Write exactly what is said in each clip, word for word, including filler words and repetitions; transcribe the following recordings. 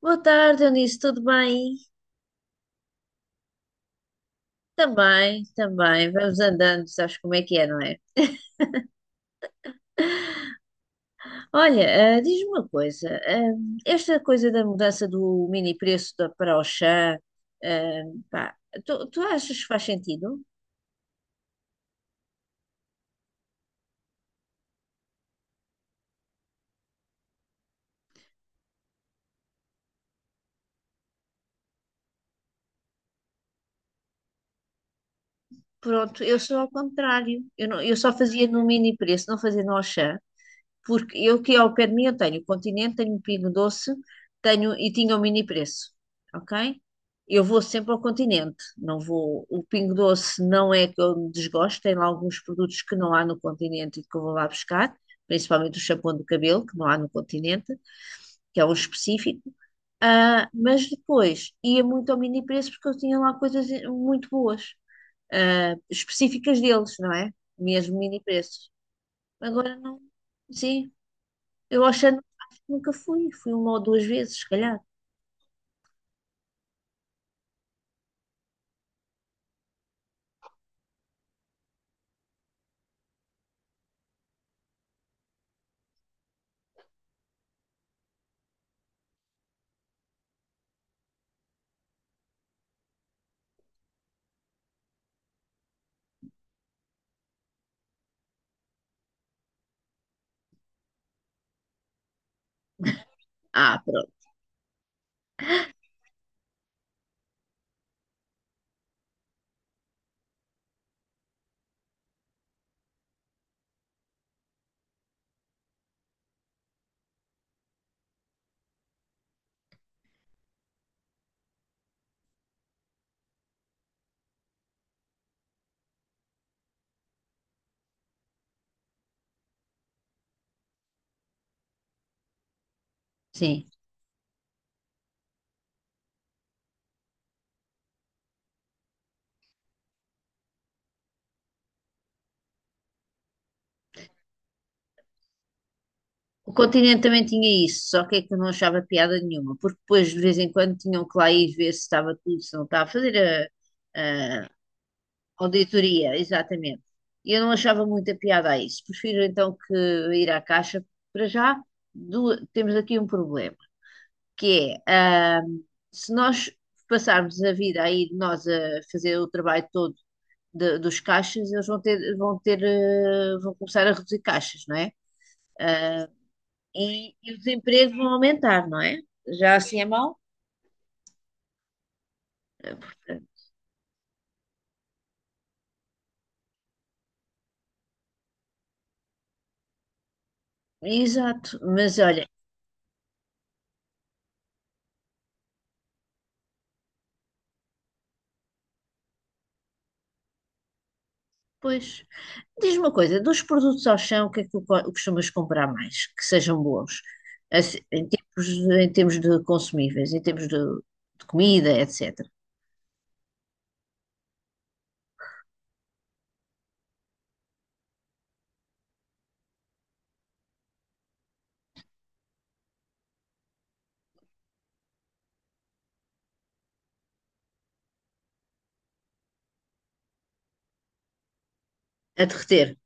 Boa tarde, Eunice, tudo bem? Também, também, vamos andando, sabes como é que é, não é? Olha, ah, diz-me uma coisa, ah, esta coisa da mudança do mini preço da, para o chá, ehm, pá, tu, tu achas que faz sentido? Pronto, eu sou ao contrário, eu, não- eu só fazia no mini preço, não fazia no Auchan. Porque eu aqui ao pé de mim eu tenho Continente, tenho Pingo Doce, tenho e tinha o Mini Preço, ok? Eu vou sempre ao Continente, não vou. O Pingo Doce não é que eu desgosto, tem lá alguns produtos que não há no Continente e que eu vou lá buscar, principalmente o shampoo do cabelo, que não há no Continente, que é um específico. Ah, mas depois ia muito ao Mini Preço porque eu tinha lá coisas muito boas, ah, específicas deles, não é? Mesmo Mini Preços. Agora não, sim. Eu achando, acho que nunca fui, fui uma ou duas vezes, se calhar. Ah, pronto, sim. O continente também tinha isso, só que é que eu não achava piada nenhuma, porque depois de vez em quando tinham que lá ir ver se estava tudo, se não estava a fazer a, a auditoria, exatamente. E eu não achava muita piada a isso. Prefiro então que ir à caixa. Para já, du- temos aqui um problema, que é, ah, se nós passarmos a vida aí, nós a fazer o trabalho todo de- dos caixas, eles vão ter, vão ter, eh, vão começar a reduzir caixas, não é? Ah, e, e os empregos vão aumentar, não é? Já assim é mau? Eh, portanto, exato, mas olha, pois, diz-me uma coisa, dos produtos ao chão, o que é que tu co- costumas comprar mais, que sejam bons? Assim, em termos, de- em termos de consumíveis, em termos de, de comida, etecetera. A derreter.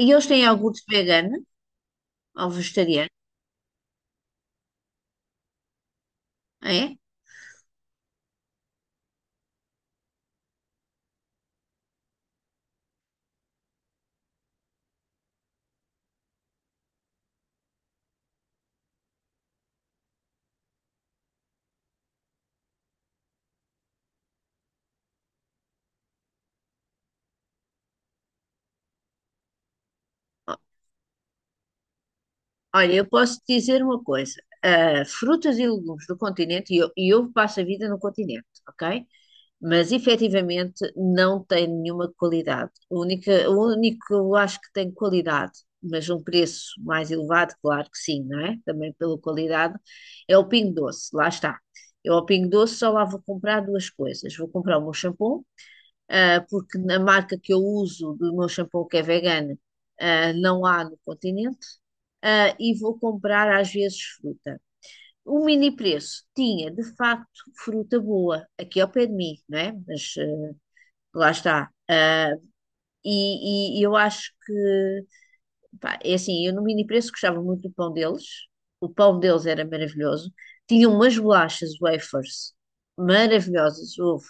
E eles têm iogurte vegano ou vegetariano, é? Olha, eu posso te dizer uma coisa: ah, frutas e legumes do continente, e eu, e eu passo a vida no continente, ok? Mas efetivamente não tem nenhuma qualidade. O único, o único que eu acho que tem qualidade, mas um preço mais elevado, claro que sim, não é? Também pela qualidade, é o Pingo Doce, lá está. Eu ao Pingo Doce só lá vou comprar duas coisas: vou comprar o meu shampoo ah, porque na marca que eu uso do meu shampoo que é vegano, ah, não há no continente, ah, e vou comprar às vezes fruta. O mini preço tinha de facto fruta boa, aqui ao pé de mim, não é? Mas ah, lá está. Ah, e, e eu acho que, pá, é assim, eu no mini preço gostava muito do pão deles, o pão deles era maravilhoso, tinham umas bolachas wafers maravilhosas, houve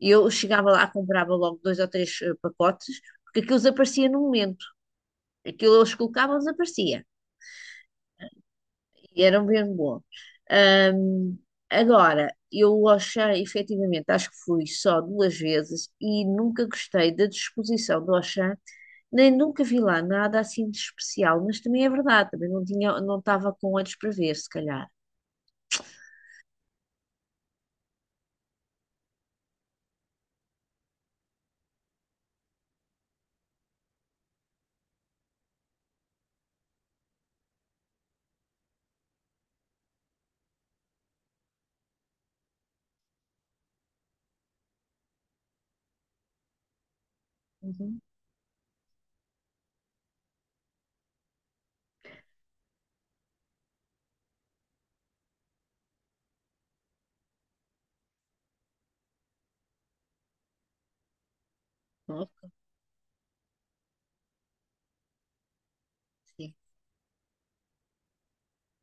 e eu chegava lá, comprava logo dois ou três eh, pacotes, porque aquilo desaparecia no momento. Aquilo eles colocavam, desaparecia. E eram bem bom. Ahm, agora, eu Auchan, efetivamente, acho que fui só duas vezes e nunca gostei da disposição do Auchan, nem nunca vi lá nada assim de especial, mas também é verdade, também não tinha, não estava com olhos para ver, se calhar. Uhum. Ok. Sim.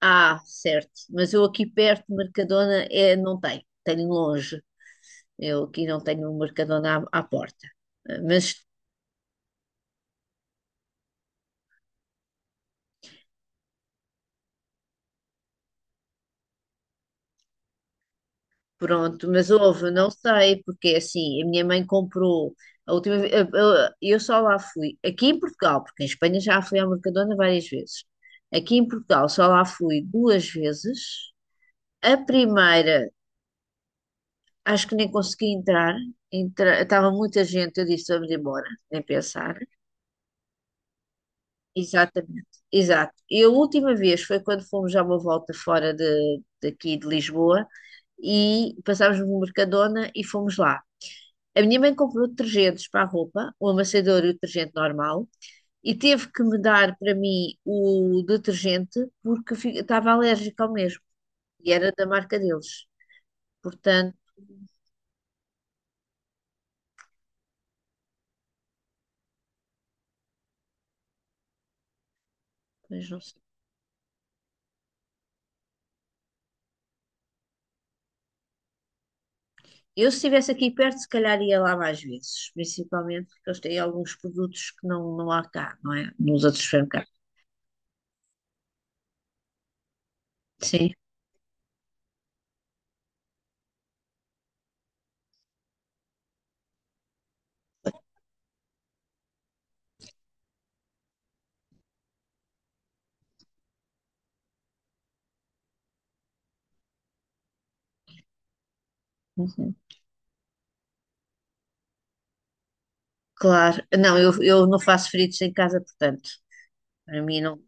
Ah, certo. Mas eu aqui perto, Mercadona, é, não tem. Tenho longe. Eu aqui não tenho um Mercadona à, à porta. Eh, mas pronto, mas houve, não sei, porque é assim, a minha mãe comprou a última vez, eu, eu- eu só lá fui, aqui em Portugal, porque em Espanha já fui ao Mercadona várias vezes. Aqui em Portugal só lá fui duas vezes. A primeira, acho que nem consegui entrar, entra- estava muita gente, eu disse, vamos embora, nem pensar. Exatamente, exato. E a última vez foi quando fomos já uma volta fora de, daqui de Lisboa e passámos no Mercadona e fomos lá. A minha mãe comprou detergentes para a roupa, o amassador e o detergente normal, e teve que me dar para mim o detergente porque fi- estava alérgica ao mesmo e era da marca deles. Portanto, mas não sei. Eu, se estivesse aqui perto, se calhar ia lá mais vezes, principalmente porque eles têm alguns produtos que não, não há cá, não é? Nos outros supermercados. Sim. Uhum. Claro, não, eu, eu não faço fritos em casa, portanto, para mim não,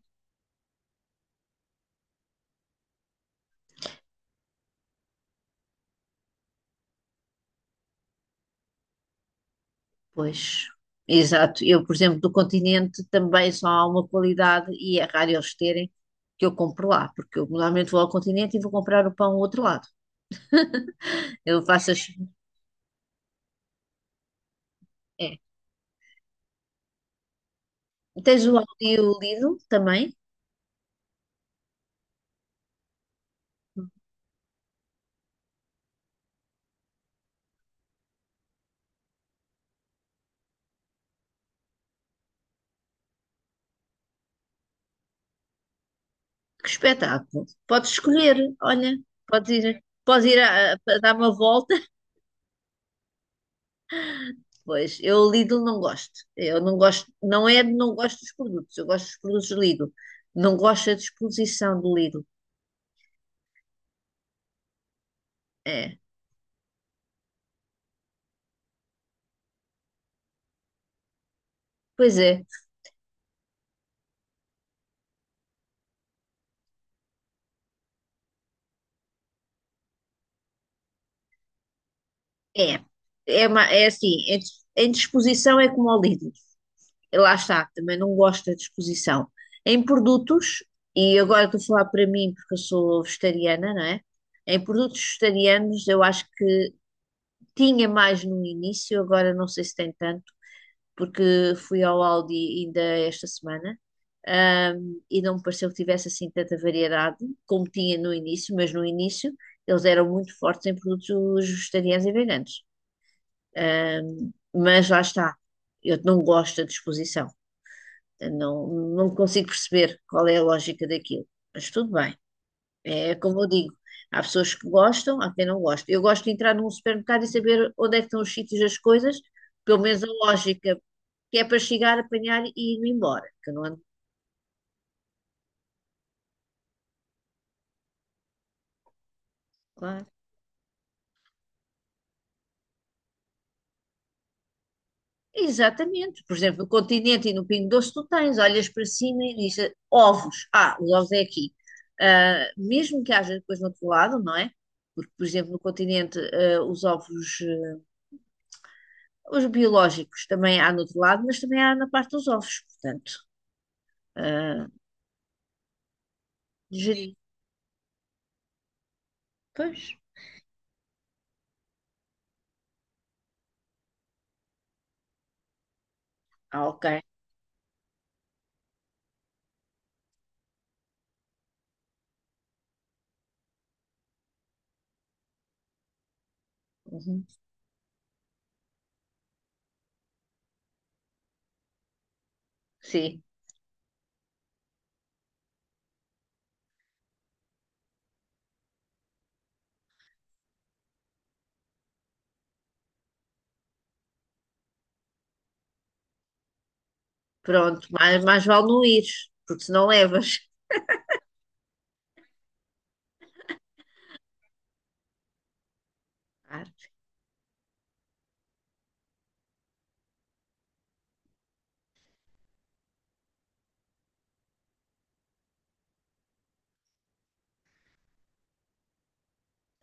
pois, exato, eu, por exemplo, do continente também só há uma qualidade e é raro eles terem que eu compro lá, porque eu normalmente vou ao continente e vou comprar o pão ao outro lado. Eu faço as. É. Tens o Aldi e o Lidl também? Que espetáculo! Podes escolher, olha, podes ir, podes ir a, a- a dar uma volta. Pois, eu Lidl não gosto. Eu não gosto, não é de não gosto dos produtos, eu gosto dos produtos Lidl. Não gosto da disposição do Lidl. É, pois é. É, é, ma- é assim, em, dis- em disposição é como ao Lidl. Lá está, também não gosto da disposição. Em produtos, e agora estou a falar para mim porque eu sou vegetariana, não é? Em produtos vegetarianos eu acho que tinha mais no início, agora não sei se tem tanto porque fui ao Aldi ainda esta semana, ahm, e não me pareceu que tivesse assim tanta variedade como tinha no início, mas no início eles eram muito fortes em produtos vegetarianos e veganos. Ahm, mas lá está, eu não gosto da disposição, eu não, não consigo perceber qual é a lógica daquilo, mas tudo bem. É como eu digo, há pessoas que gostam, há quem não gosta. Eu gosto de entrar num supermercado e saber onde é que estão os sítios das coisas, pelo menos a lógica, que é para chegar, apanhar e ir embora. Que eu não ando... Claro. Exatamente. Por exemplo, no Continente e no Pingo Doce tu tens, olhas para cima e dizes ovos. Ah, os ovos é aqui. Ah, mesmo que haja depois no outro lado, não é? Porque, por exemplo, no Continente, ah, os ovos, ah, os biológicos também há no outro lado, mas também há na parte dos ovos. Portanto, ah, pois, ah, ok. Uhum. Sim, pronto, mais, mais vale não ir, porque se não levas. Claro.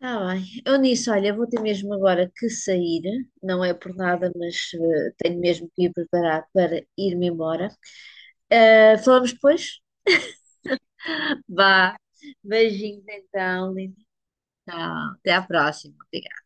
Está bem. Eu nisso, olha, vou ter mesmo agora que sair, não é por nada, mas eh, tenho mesmo que ir preparar para ir-me embora. Eh, falamos depois? Vá. Beijinhos então, lindo. Tchau. Até à próxima. Obrigada.